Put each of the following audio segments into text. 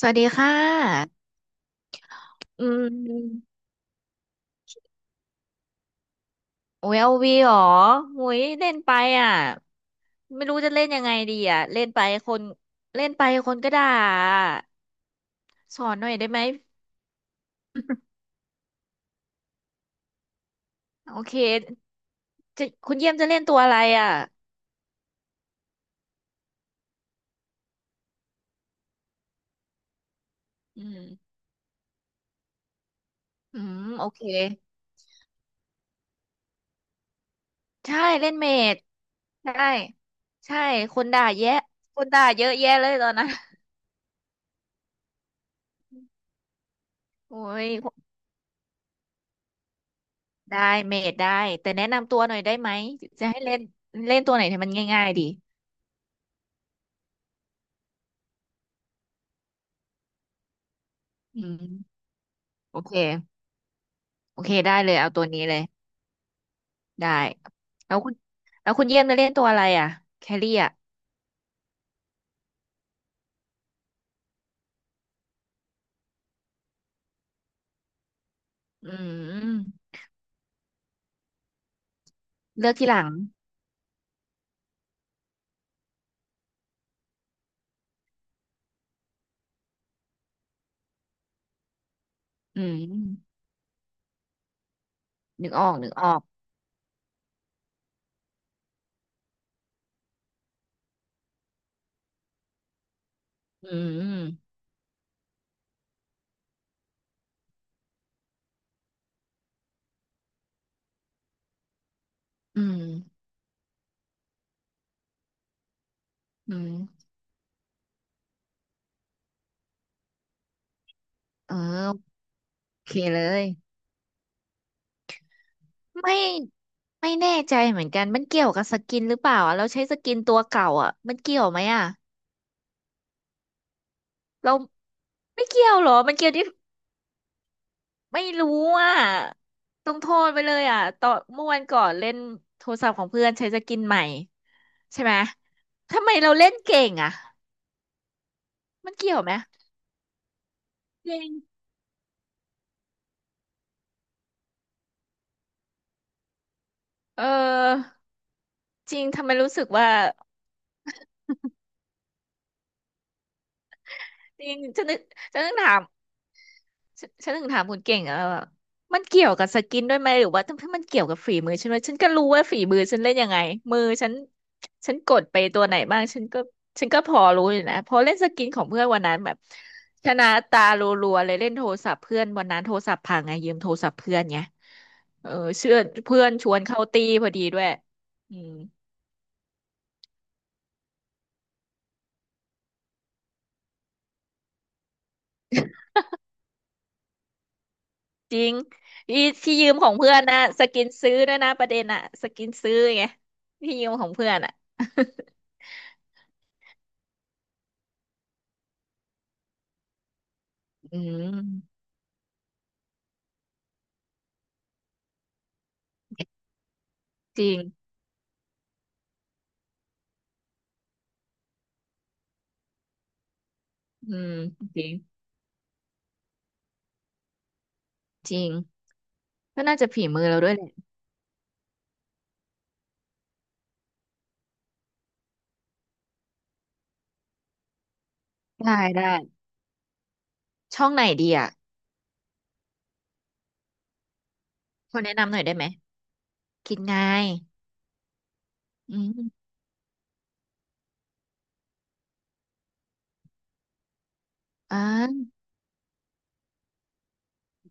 สวัสดีค่ะอืมโอ้ยเอาวีเหรอโอ้ยเล่นไปอ่ะไม่รู้จะเล่นยังไงดีอ่ะเล่นไปคนเล่นไปคนก็ด่าสอนหน่อยได้ไหมโอเคจะคุณเยี่ยมจะเล่นตัวอะไรอ่ะอืมอืมโอเคใช่เล่นเมดใช่ใช่ คนด่าแยะคนด่าเยอะแยะเลยตอนนั้นโอ้ยได้เมดได้แต่แนะนำตัวหน่อยได้ไหม จะให้เล่นเล่นตัวไหนให้มันง่ายๆดีอืมโอเค โอเคได้เลยเอาตัวนี้เลยได้แล้วคุณแล้วคุณเยี่ยมจะเล่นตัวอะไรอ่ะแครี่อ่ะอืมเลือกที่หลังอืมนึกออกนึกออกอืมอืมอืมเออโอเคเลยไม่ไม่แน่ใจเหมือนกันมันเกี่ยวกับสกินหรือเปล่าอะเราใช้สกินตัวเก่าอ่ะมันเกี่ยวไหมอ่ะเราไม่เกี่ยวหรอมันเกี่ยวที่ไม่รู้อ่ะต้องโทษไปเลยอ่ะตอนเมื่อวันก่อนเล่นโทรศัพท์ของเพื่อนใช้สกินใหม่ ใช่ไหม ทำไมเราเล่นเก่งอ่ะมันเกี่ยวไหมจริง เออจริงทำไมรู้สึกว่าจริงจะนึกจะนึกถาม ฉันถึงถามคุณเก่งอะว่ามันเกี่ยวกับสกินด้วยไหมหรือว่าถ้ามันเกี่ยวกับฝีมือฉันไหมฉันก็รู้ว่าฝีมือฉันเล่นยังไงมือฉันฉันกดไปตัวไหนบ้างฉันก็ฉันก็พอรู้อยู่นะพอเล่นสกินของเพื่อนวันนั้นแบบชนะตารัวๆเลยเล่นโทรศัพท์เพื่อนวันนั้นโทรศัพท์พังไงยืมโทรศัพท์เพื่อนไงเออเชื่อเพื่อนชวนเข้าตีพอดีด้วยอืมจริงอีที่ยืมของเพื่อนนะสกินซื้อด้วยนะประเด็นอะสกินซื้อไงที่ยืมของเพื่อนอะ อืมจริงอืมจริงจริงก็น่าจะฝีมือเราด้วยแหละได้ช่องไหนดีอ่ะคนแนะนำหน่อยได้ไหมคิดไงอืมอ่า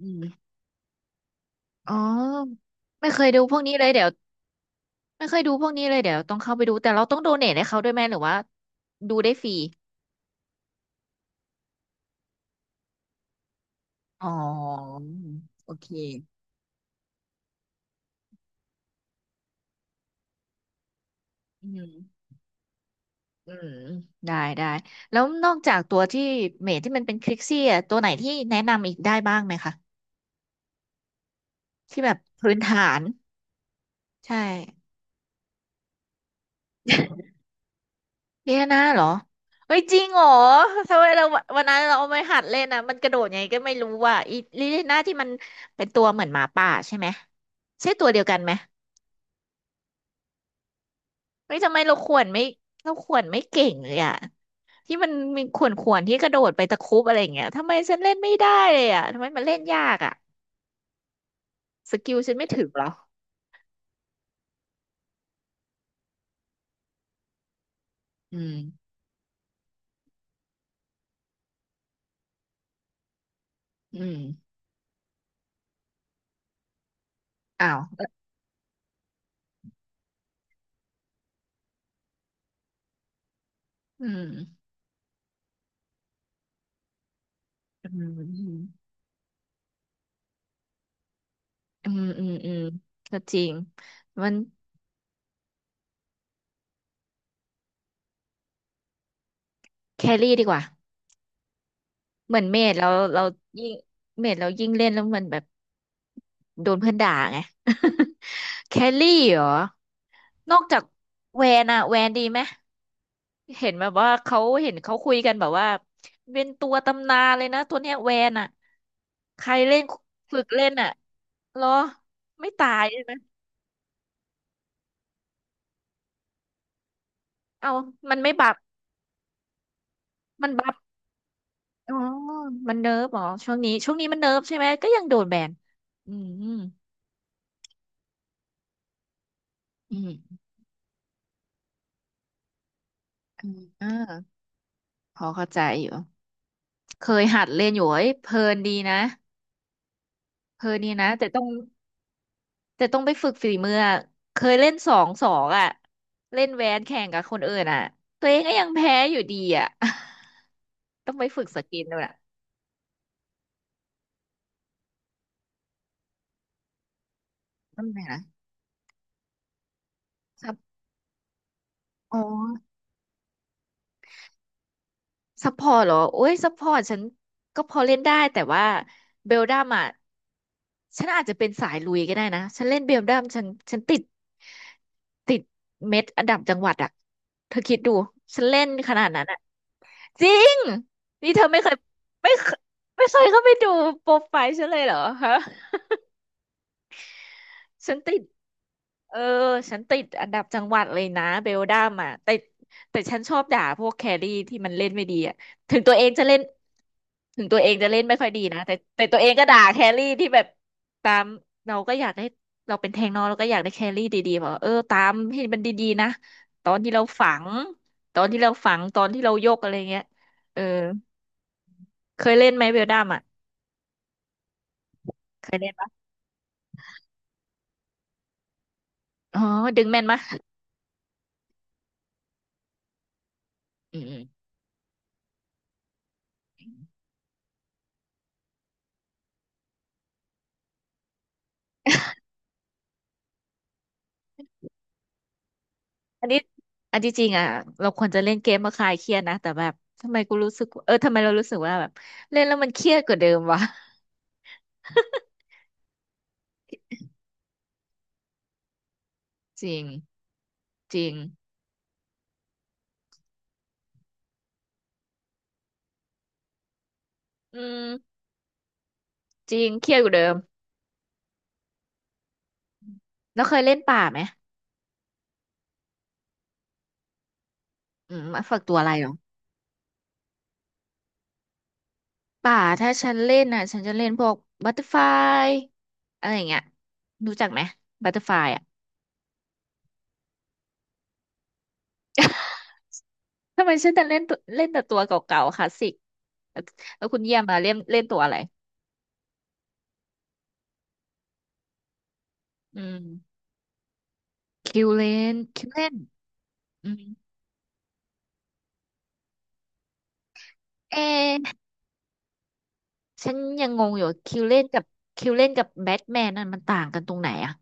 อืมอ๋อไม่เคยดูพวกนี้เลยเดี๋ยวไม่เคยดูพวกนี้เลยเดี๋ยวต้องเข้าไปดูแต่เราต้องโดเนทให้เขาด้วยไหมหรือว่าดูได้ฟรีอ๋อโอเคอืมอืมได้แล้วนอกจากตัวที่เมทที่มันเป็นคลิกซี่อ่ะตัวไหนที่แนะนำอีกได้บ้างไหมคะที่แบบพื้นฐาน ใช่เดียนาเหรอเฮ้ยจริงเหรอทำไมเราวันนั้นเราเอาไปหัดเล่นอ่ะมันกระโดดยังไงก็ไม่รู้ว่าอีลิเลียนาที่มันเป็นตัวเหมือนหมาป่าใช่ไหมใช่ตัวเดียวกันไหมเฮ้ยทำไมเราขวนไม่เราขวนไม่เก่งเลยอะที่มันมีขวนขวนที่กระโดดไปตะครุบอะไรอย่างเงี้ยทำไมฉันเล่นไม่ได้เลยอะทำไมมันเล่นยากอะสกิลฉันไม่ถึงเหรออืมอืมอ้าวอืมอืมอืมก็จริงมันแครี่ดีกว่า เหมือนเมดเราเรายิ่งเมดเรายิ่งเล่นแล้วมันแบบโดนเพื่อนด่าไง แคลรี่เหรอนอกจากแวนอะแวนดีไหมเห็นแบบว่าเขาเห็นเขาคุยกันแบบว่าเป็นตัวตำนานเลยนะตัวเนี้ยแวนอะใครเล่นฝึกเล่นอะเหรอไม่ตายใช่ไหมเอามันไม่บับมันบับอ๋อมันเนิร์ฟเหรอช่วงนี้ช่วงนี้มันเนิร์ฟใช่ไหมก็ยังโดนแบนอืมอืมอืมอ่าพอเข้าใจอยู่ เคยหัดเล่นอยู่เอ้ยเพลินดีนะเพลินดีนะแต่ต้องแต่ต้องไปฝึกฝีมืออะเคยเล่นสองสองอ่ะเล่นแวนแข่งกับคนอื่นอ่ะตัวเองก็ยังแพ้อยู่ดีอ่ะ ต้องไปฝึกสกิลด้วยอ่ะต้องไหนนะครับอ๋อ ซัพพอร์ตเหรอโอ้ยซัพพอร์ตฉันก็พอเล่นได้แต่ว่าเบลดัมอ่ะฉันอาจจะเป็นสายลุยก็ได้นะฉันเล่นเบลดัมฉันฉันติดติดเม็ดอันดับจังหวัดอ่ะเธอคิดดูฉันเล่นขนาดนั้นอ่ะจริงนี่เธอไม่เคยไม่เคยไม่เคยเข้าไปดูโปรไฟล์ฉันเลยเหรอฮะ ฉันติดเออฉันติดอันดับจังหวัดเลยนะเบลดัมอ่ะแต่แต่ฉันชอบด่าพวกแครี่ที่มันเล่นไม่ดีอ่ะถึงตัวเองจะเล่นถึงตัวเองจะเล่นไม่ค่อยดีนะแต่แต่ตัวเองก็ด่าแครี่ที่แบบตามเราก็อยากได้เราเป็นแทงเนอะเราก็อยากได้แครี่ดีๆบอกว่าเออตามให้มันดีๆนะตอนที่เราฝังตอนที่เราฝังตอนที่เรายกอะไรเงี้ยเออเคยเล่นไหมเบลดัมอ่ะเคยเล่นปะอ๋อดึงแม่นมะอืม อันนี้อันที่จริงอ่ะเราควรจะเล่นเกมมาคลายเครียดนะแต่แบบทำไมกูรู้สึกเออทำไมเรารู้สึกว่าแบบเล่นแล้วมันเครียดกว่าเดิมวะ จริงจริงอืมจริงเครียดกว่าเดิมแล้วเคยเล่นป่าไหมอืมมาฝึกตัวอะไรหรอป่าถ้าฉันเล่นน่ะฉันจะเล่นพวกบัตเตอร์ฟลายอะไรอย่างเงี้ยรู้จักไหมบัตเตอร์ฟลายอ่ะทำไมฉันแต่เล่นตัวเล่นแต่ตัวเก่าๆคลาสสิกแล้วแล้วคุณเยี่ยมมาเล่นเล่นตัวอะไรอืมคิวเลนคิวเลนอืมเอ ฉันยังงงอยู่คิวเล่นกับคิวเล่นกับแบทแมนนั่นมันต่างกันตรงไหนอะ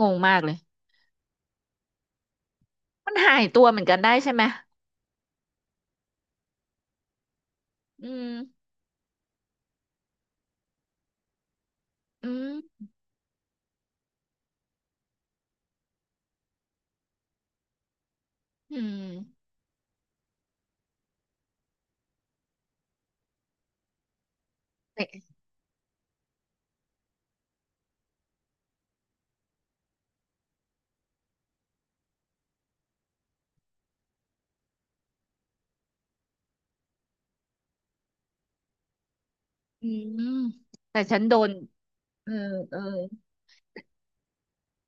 งงมากเลยมันหายตัวเหมือนกันได้ใช่ไหมอืมอืมอืมแต่อืมแต่ฉันโดนเออเออ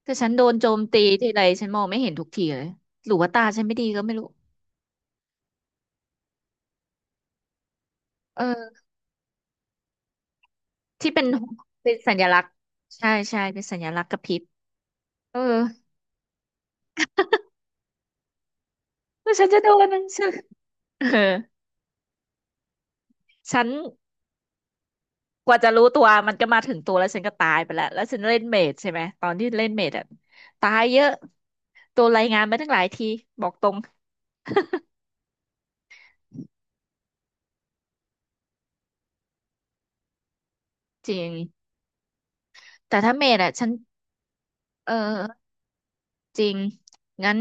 แต่ฉันโดนโจมตีทีไรฉันมองไม่เห็นทุกทีเลยหรือว่าตาฉันไม่ดีก็ไม่รู้เออที่เป็นเป็นสัญลักษณ์ใช่ใช่เป็นสัญลักษณ์กระพริบเออแล้วฉันจะโดนมัน ฉันเออฉัน กว่าจะรู้ตัวมันก็มาถึงตัวแล้วฉันก็ตายไปแล้วแล้วฉันเล่นเมดใช่ไหมตอนที่เล่นเมดอ่ะตายเยอะตัวรายงานมาตั้งหลายทีบอกตรงจริงแต่ถ้าเมดอะฉันเออจริงงั้น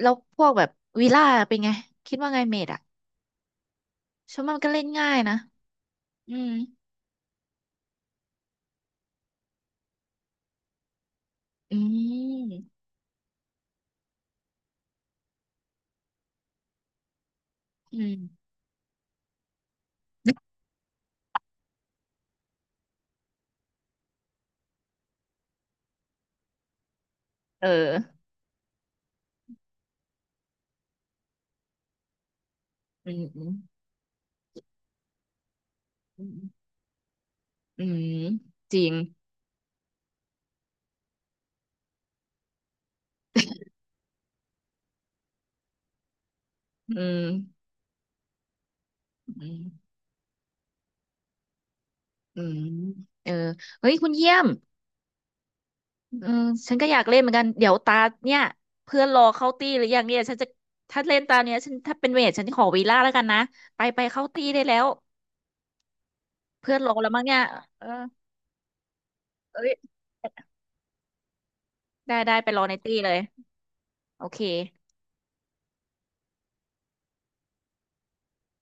แล้วพวกแบบวีล่าเป็นไงคิดว่าไงเมดอะฉันว่ามันก็เล่นง่ายนะอืมอืมอืมเอออืมอืมอืมอืมจริงอืมอืมอืมเออเฮ้ยคุณเยี่ยม เออฉันก็อยากเล่นเหมือนกันเดี๋ยวตาเนี่ยเพื่อนรอเข้าตี้หรือยังเนี่ยฉันจะถ้าเล่นตาเนี้ยฉันถ้าเป็นเวทฉันขอวีล่าแล้วกันนะไปไปเข้าตี้ได้แล้วเพื่อนรอแล้วมั้งเนี่ยเออเอ้ยได้ได้ไปรอในตี้เลยโอเค